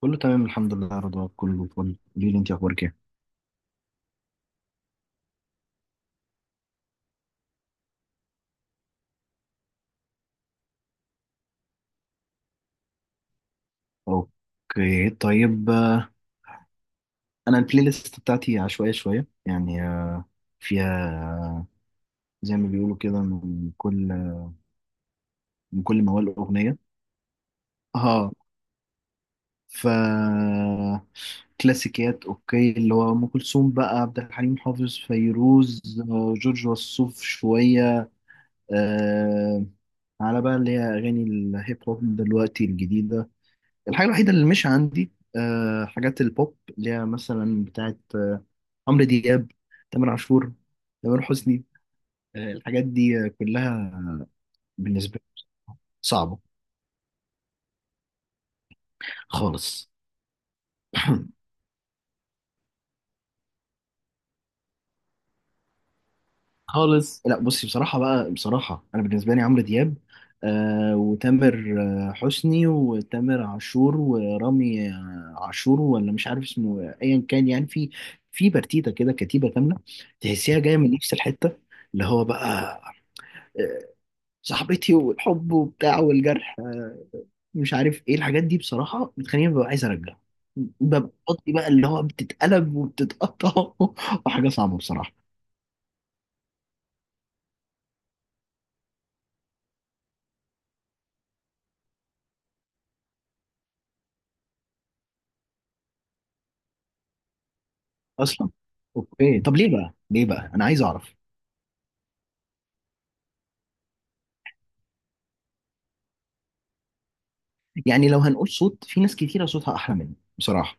كله تمام الحمد لله يا رضوى، كله فل. قولي لي انت اخبارك ايه؟ اوكي طيب. انا البلاي ليست بتاعتي عشوائيه شويه يعني، فيها، آه، زي ما بيقولوا كده، من كل موال اغنيه. اه ف كلاسيكيات، اوكي، اللي هو ام كلثوم بقى، عبد الحليم حافظ، فيروز، جورج وسوف، شويه، آه، على بقى اللي هي اغاني الهيب هوب دلوقتي الجديده. الحاجة الوحيدة اللي مش عندي حاجات البوب، اللي هي مثلا بتاعت، عمرو دياب، تامر عاشور، تامر حسني، الحاجات دي، كلها بالنسبة لي صعبة، خالص خالص. لا بصي، بصراحة بقى، بصراحة أنا بالنسبة لي عمرو دياب، وتامر، حسني، وتامر عاشور، ورامي، عاشور، ولا مش عارف اسمه، أيا كان يعني. في برتيتة كده، كتيبة كاملة، تحسيها جاية من نفس الحتة، اللي هو بقى، آه، صاحبتي، والحب وبتاع، والجرح، مش عارف ايه الحاجات دي بصراحة. بتخليني ببقى عايز ارجع، ببقى بطني بقى اللي هو بتتقلب وبتتقطع وحاجة صعبة بصراحة. اصلا. اوكي طب ليه بقى، ليه بقى، انا عايز اعرف. يعني لو هنقول صوت، في ناس كتيرة صوتها احلى مني بصراحة.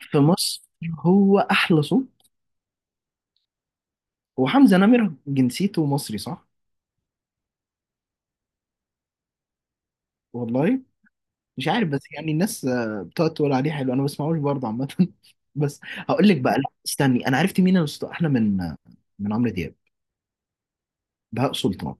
في مصر هو احلى صوت. هو حمزة نمرة جنسيته مصري، صح؟ والله مش عارف، بس يعني الناس، بتقعد تقول عليه حلو، انا ما بسمعوش برضه عامه بس هقول لك بقى، لا استني، انا عرفت مين الاسطى احلى من، من عمرو دياب. بهاء سلطان.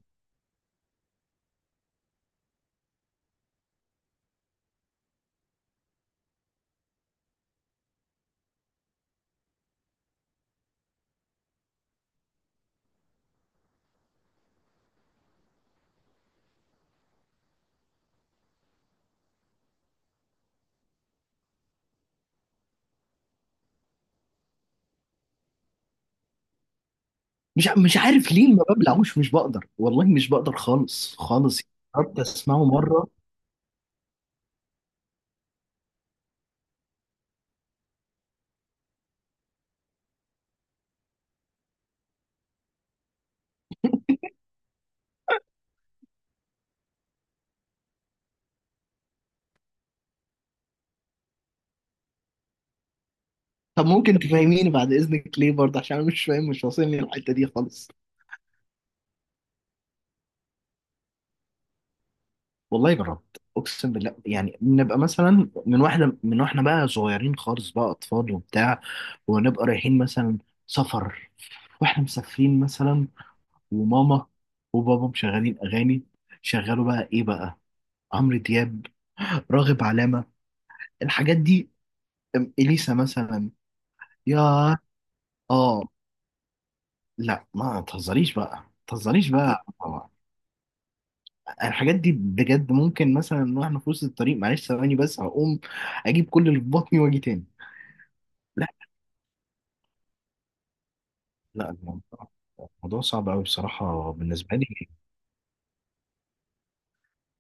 مش عارف ليه ما ببلعوش، مش بقدر والله، مش بقدر خالص خالص. حتى اسمعه مره. طب ممكن تفهميني بعد اذنك ليه برضه؟ عشان انا مش فاهم، مش واصلني الحته دي خالص. والله جربت، اقسم بالله، يعني نبقى مثلا من واحنا بقى صغيرين خالص، بقى اطفال وبتاع، ونبقى رايحين مثلا سفر، واحنا مسافرين مثلا، وماما وبابا مشغلين اغاني. شغلوا بقى ايه بقى؟ عمرو دياب، راغب علامة، الحاجات دي، اليسا مثلا. يا. اه. لا، ما تهزريش بقى، ما تهزريش بقى. الحاجات دي بجد ممكن مثلا واحنا في وسط الطريق. معلش ثواني بس هقوم اجيب كل اللي في بطني واجي تاني. لا لا، الموضوع صعب قوي بصراحة بالنسبة لي.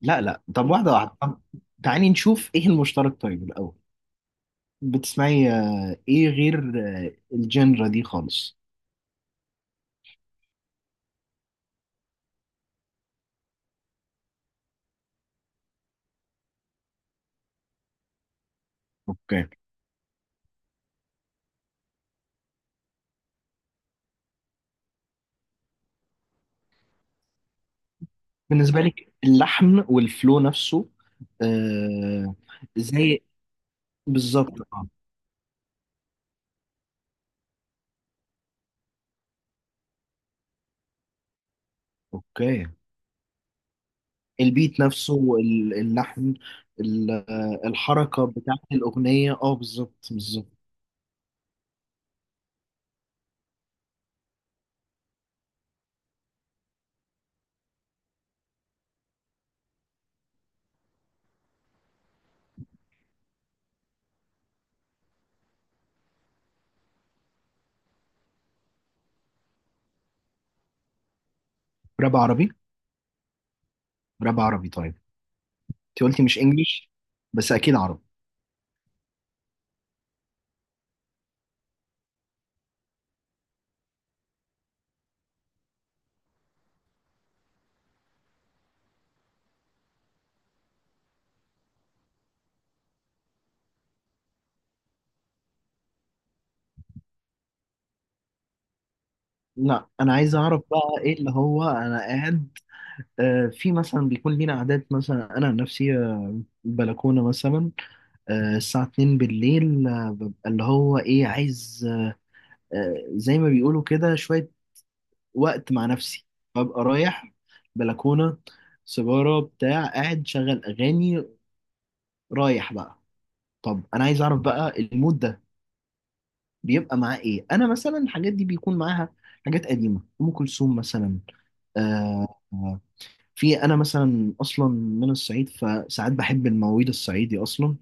لا لا طب، واحدة واحدة، طب تعالي نشوف ايه المشترك طيب الاول. بتسمعي ايه غير، الجنرا دي خالص؟ اوكي. بالنسبه لك اللحن والفلو نفسه، آه زي، بالظبط. اوكي. البيت نفسه، اللحن، الحركه بتاعت الاغنيه، اه بالظبط بالظبط. راب عربي، راب عربي طيب. انت قلتي مش انجليش، بس اكيد عربي. لا انا عايز اعرف بقى ايه اللي هو، انا قاعد، في مثلا بيكون لينا عادات، مثلا انا عن نفسي، بلكونه مثلا، الساعة 2 بالليل، ببقى اللي هو إيه عايز، زي ما بيقولوا كده، شوية وقت مع نفسي. ببقى رايح بلكونة، سيجارة بتاع، قاعد شغل أغاني رايح بقى. طب أنا عايز أعرف بقى المود ده بيبقى معاه إيه. أنا مثلا الحاجات دي بيكون معاها حاجات قديمة، أم كلثوم مثلا، آه، آه، في أنا مثلا أصلا من الصعيد، فساعات بحب المواويل الصعيدي أصلا،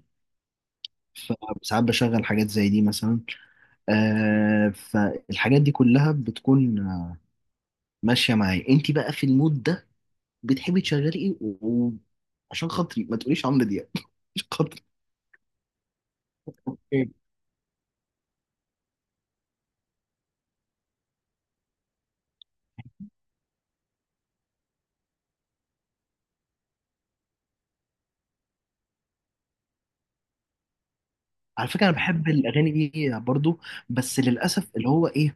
فساعات بشغل حاجات زي دي مثلا، فالحاجات دي كلها بتكون، ماشية معايا. انت بقى في المود ده بتحبي تشغلي ايه و- وعشان خاطري ما تقوليش عمرو دياب عشان خاطري. على فكرة أنا بحب الأغاني دي برضو، بس للأسف اللي هو إيه،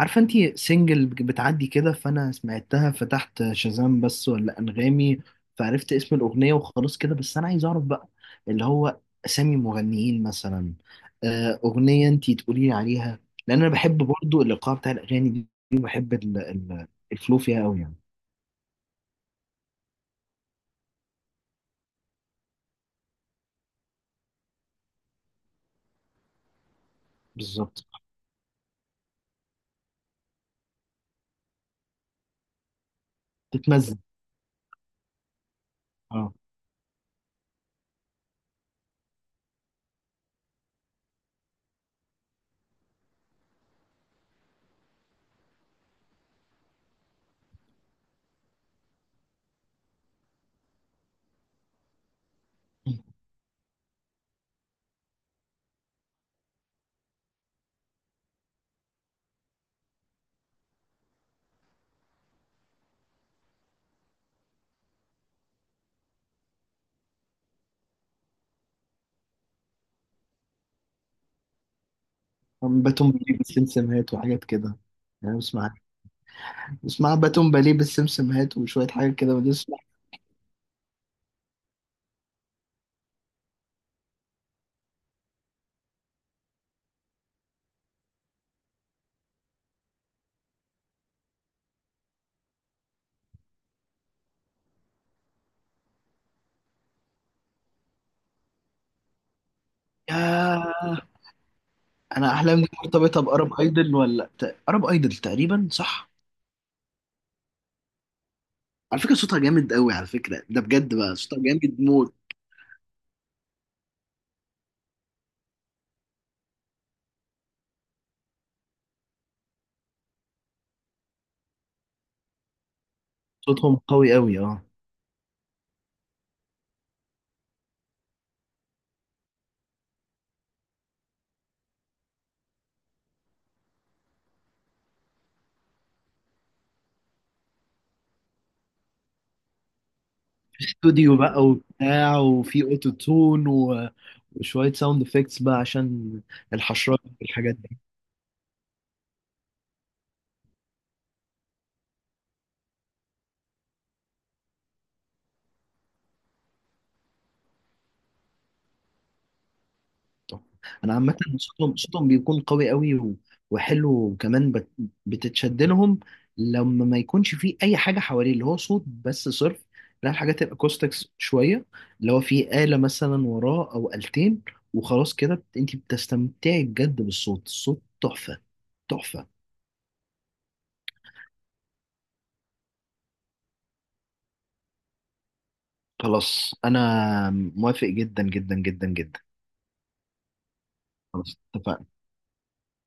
عارفة أنت سنجل بتعدي كده، فأنا سمعتها، فتحت شازام بس ولا أنغامي، فعرفت اسم الأغنية وخلاص كده. بس أنا عايز أعرف بقى اللي هو أسامي مغنيين مثلا، أغنية أنت تقولي لي عليها، لأن أنا بحب برضو الإيقاع بتاع الأغاني دي، وبحب الفلو فيها أوي يعني. بالظبط. تتمزج. أه باتون بيبي، سمسمهات وحاجات كده، يعني أنا بسمع اسمها باتون باليه بالسمسمهات وشوية حاجات كده بنسمع. ياه. أنا أحلامي دي مرتبطة بأرب أيدل، ولا أرب أيدل تقريبا، صح؟ على فكرة صوتها جامد قوي، على فكرة ده بجد بقى، صوتها جامد موت. صوتهم قوي قوي اه في استوديو بقى وبتاع، وفي اوتو تون و... وشوية ساوند افكتس بقى عشان الحشرات والحاجات. انا عامه صوتهم بيكون قوي قوي، وحلو، وكمان بتتشد لهم لما ما يكونش فيه اي حاجه حواليه، اللي هو صوت بس صرف. لا الحاجات الاكوستكس شويه، اللي هو فيه آلة مثلا وراه او آلتين، وخلاص كده انت بتستمتعي بجد بالصوت. الصوت تحفه تحفه. خلاص، انا موافق جدا جدا جدا جدا. خلاص اتفقنا.